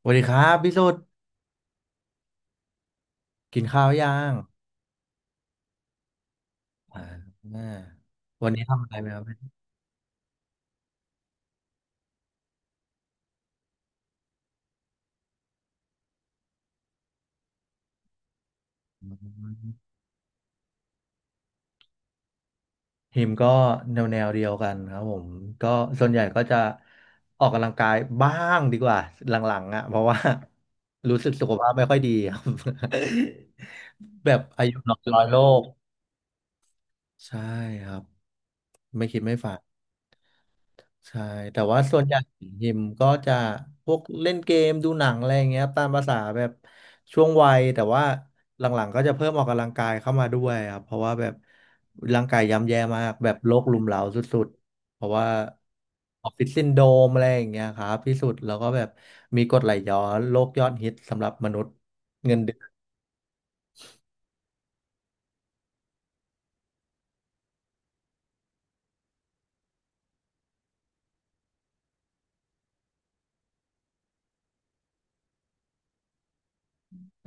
สวัสดีครับพี่สุดกินข้าวยังอ่าวันนี้ทำอะไรไหมครับอืมทีมก็แนวเดียวกันครับผมก็ส่วนใหญ่ก็จะออกกำลังกายบ้างดีกว่าหลังๆอ่ะเพราะว่า รู้สึกสุขภาพไม่ค่อยดีครับ แบบอายุน้อยร้อยโลกใช่ครับไม่คิดไม่ฝัน ใช่แต่ว่าส่วนใหญ่หิมก็จะพวกเล่นเกมดูหนังอะไรอย่างเงี้ยตามภาษาแบบช่วงวัยแต่ว่าหลังๆก็จะเพิ่มออกกำลังกายเข้ามาด้วยครับเพราะว่าแบบร่างกายย่ำแย่มากแบบโรครุมเร้าสุดๆเพราะว่าออฟฟิศซินโดรมอะไรอย่างเงี้ยครับที่สุดแล้วก็แบบมีกรดไหลย้อนโรคยอดฮิตสำหรับมนุษย์เงินเดือน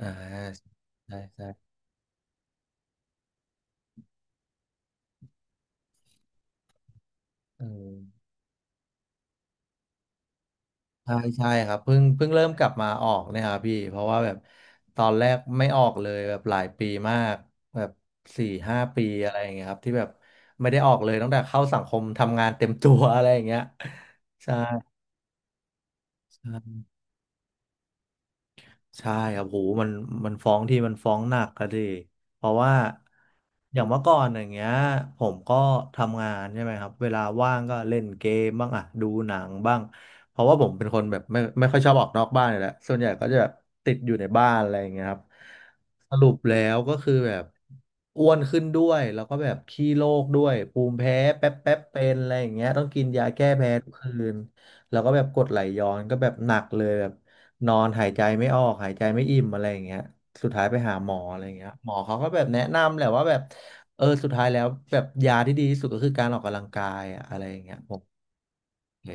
อ่าใช่ใช่เออ ใช่ใช่ครับเพิ่งเริ่มกลับมาออกเนี่ยครับพี่เพราะว่าแบบตอนแรกไม่ออกเลยแบบหลายปีมากแบบ4 5 ปีอะไรอย่างเงี้ยครับที่แบบไม่ได้ออกเลยตั้งแต่เข้าสังคมทำงานเต็มตัวอะไรอย่างเงี้ยใช่ ใช่ครับโหมันมันฟ้องที่มันฟ้องหนักก็ดิเพราะว่าอย่างเมื่อก่อนอย่างเงี้ยผมก็ทำงานใช่ไหมครับเวลาว่างก็เล่นเกมบ้างอะดูหนังบ้างเพราะว่าผมเป็นคนแบบไม่ค่อยชอบออกนอกบ้านอยู่แล้วส่วนใหญ่ก็จะแบบติดอยู่ในบ้านอะไรอย่างเงี้ยครับสรุปแล้วก็คือแบบอ้วนขึ้นด้วยแล้วก็แบบขี้โรคด้วยภูมิแพ้แป๊บแป๊บเป็นอะไรอย่างเงี้ยต้องกินยาแก้แพ้ทุกคืนแล้วก็แบบกรดไหลย้อนก็แบบหนักเลยแบบ นอนหายใจไม่ออกหายใจไม่อิ่มอะไรอย่างเงี้ยสุดท้ายไปหาหมออะไรอย่างเงี้ยหมอเขาก็แบบแนะนำแหละว่าแบบเออสุดท้ายแล้วแบบยาที่ดีที่สุดก็คือการออกกำลังกายอะอะไรอย่างเงี้ยผมโอเค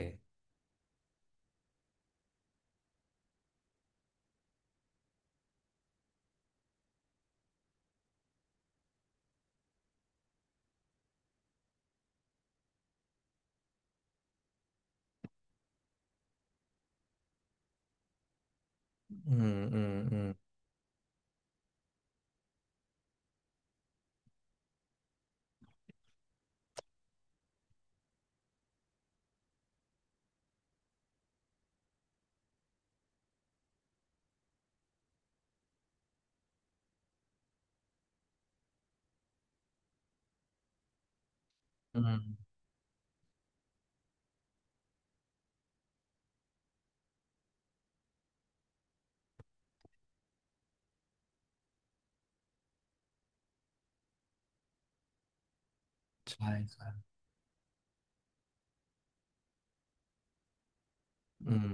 อืมอืมอืมอืมใช่ครับอืม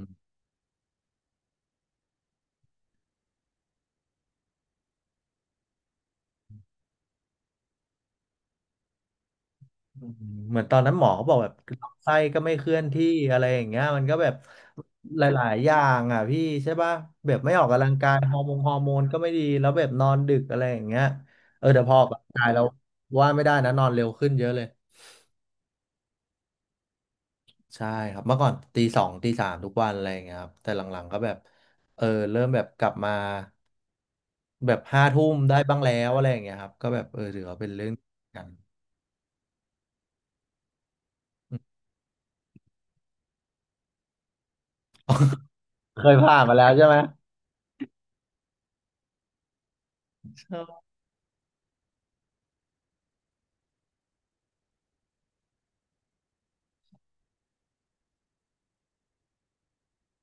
อืมเหมือนตอนนั้นหมอเขาบอกแบบลำไส้ก็ไม่เคลื่อนที่อะไรอย่างเงี้ยมันก็แบบหลายๆอย่างอ่ะพี่ใช่ป่ะแบบไม่ออกกำลังกายฮอร์โมนก็ไม่ดีแล้วแบบนอนดึกอะไรอย่างเงี้ยเออแต่พอออกกำลังกายแล้วว่าไม่ได้นะนอนเร็วขึ้นเยอะเลย ใช่ครับเมื่อก่อนตีสองตีสามทุกวันอะไรอย่างเงี้ยครับแต่หลังๆก็แบบเออเริ่มแบบกลับมาแบบห้าทุ่มได้บ้างแล้วอะไรอย่างเงี้ยครับก็แบบเออถือว่าเป็นเรื่องกัน อืมเคยผ่านมาแล้วใช่ไหมชอบ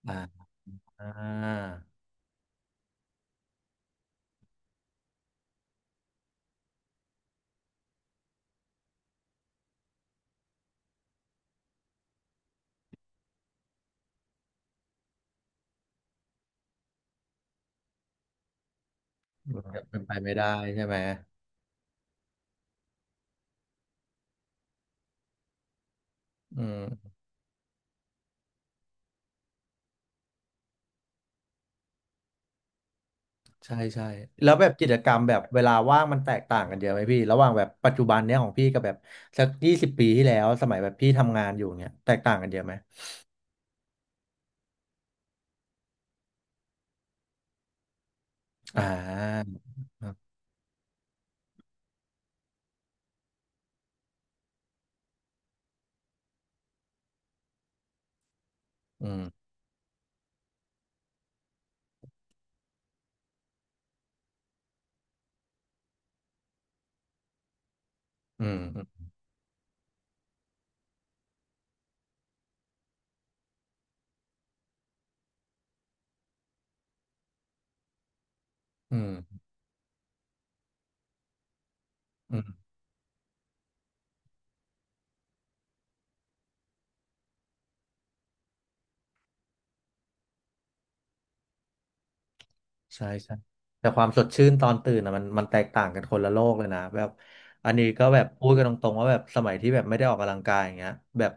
อ่าอ่ามันแบบเป็นไปไม่ได้ใช่ไหมอืมใช่ใช่แล้วแบบกิจกรรมแบบเวลาว่างมันแตกต่างกันเยอะไหมพี่ระหว่างแบบปัจจุบันเนี้ยของพี่กับแบบสัก20 ปีที่แล้วสมัยแบบพี่ทำงานอยู่เนี้ยแตกต่างกันเยอะไหมอ่าครับอืม อืมอืมอืมใช่ใช่แต่ความสดชื่นตอนตื่นอะมันแตกต่างกันคนละโลกเลยนะแบบอันนี้ก็แบบพูดกันตรงๆว่าแบบสมัยที่แบบไม่ได้ออกกำลังกายอย่างเงี้ยแบบ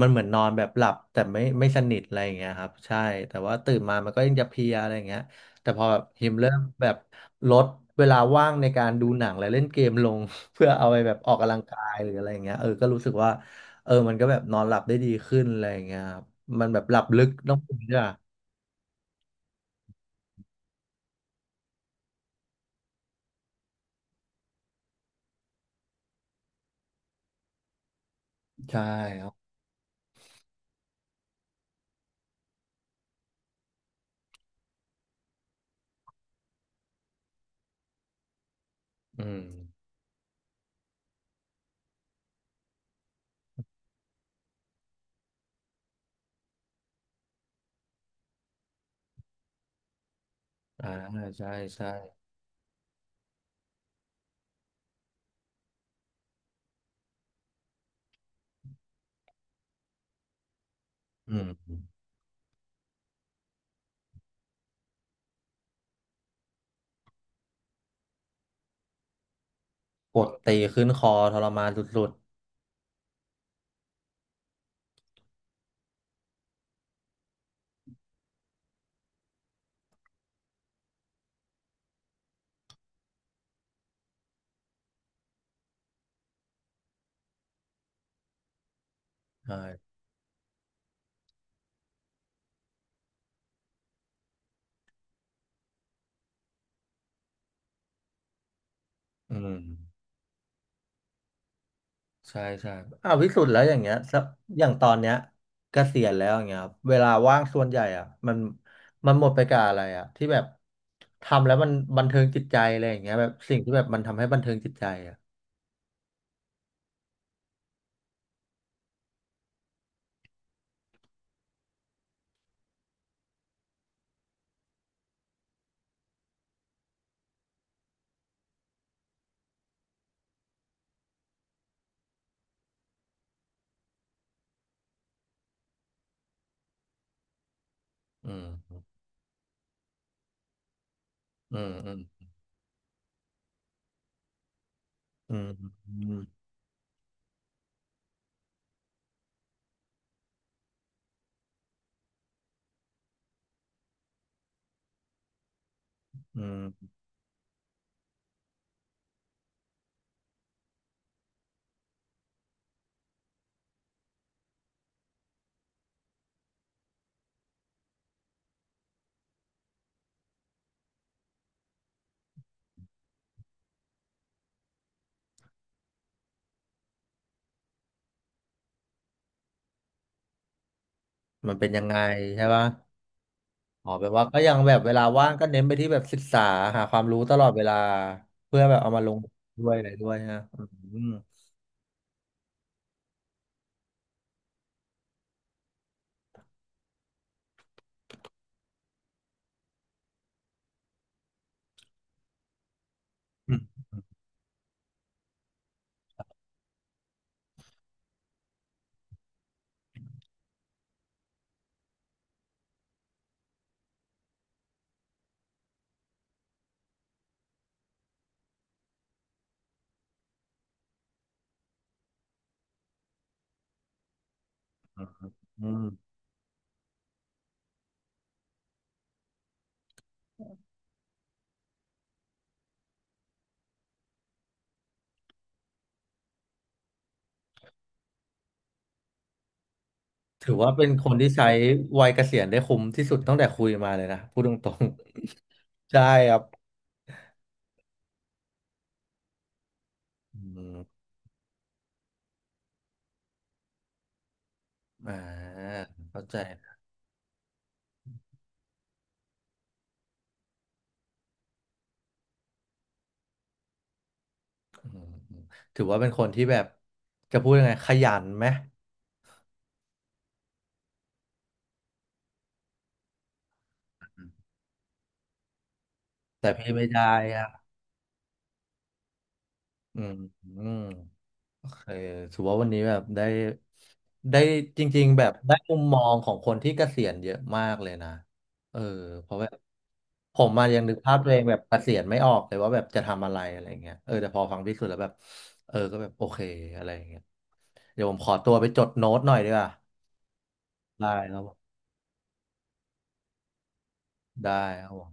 มันเหมือนนอนแบบหลับแต่ไม่สนิทอะไรอย่างเงี้ยครับใช่แต่ว่าตื่นมามันก็ยังจะเพลียอะไรอย่างเงี้ยแต่พอแบบฮิมเริ่มแบบลดเวลาว่างในการดูหนังและเล่นเกมลง เพื่อเอาไปแบบออกกำลังกายหรืออะไรอย่างเงี้ยเออก็รู้สึกว่าเออมันก็แบบนอนหลับได้ดีขึ้นอะไรอย่างเงี้ยครับมันแบบหลับลึกต้องคุยด้วยอะใช่ อืมอ่าใช่ใช่อืมปวดตีขึ้นคอทรมานสุดๆใช่อืมใช่ใช่อ่าวพิสุทธ์แล้วอย่างเงี้ยสักอย่างตอนเนี้ยเกษียณแล้วอย่างเงี้ยครับเวลาว่างส่วนใหญ่อ่ะมันมันหมดไปกับอะไรอ่ะที่แบบทำแล้วมันบันเทิงจิตใจอะไรอย่างเงี้ยแบบสิ่งที่แบบมันทำให้บันเทิงจิตใจอ่ะอืมอืมอืมอืมอืมอืมมันเป็นยังไงใช่ปะ อ๋อแปลว่าก็ยังแบบเวลาว่างก็เน้นไปที่แบบศึกษาหาความรู้ตลอดเวลาเพื่อแบบเอามาลงด้วยอะไรด้วยฮะอืมอืมอืมอืมถือว่าเป็นคนที่ใช้วัยเกษียณได้คุ้มที่สุดตั้งแต่คุยมาเลยนะพูดตรงๆ ใช่ครับอืมอ่าเข้าใจอืมอืมถือว่าเป็นคนที่แบบจะพูดยังไงขยันไหมแต่พี่ไม่ได้อ่ะอืมอืม โอเคถือว่าวันนี้แบบได้ได้จริงๆแบบได้มุมมองของคนที่เกษียณเยอะมากเลยนะเออเพราะแบบผมมายังนึกภาพตัวเองแบบเกษียณไม่ออกเลยว่าแบบจะทำอะไรอะไรเงี้ยเออแต่พอฟังพี่สุดแล้วแบบเออก็แบบโอเคอะไรเงี้ยเดี๋ยวผมขอตัวไปจดโน้ตหน่อยดีกว่า ได้ครับผมได้ครับผม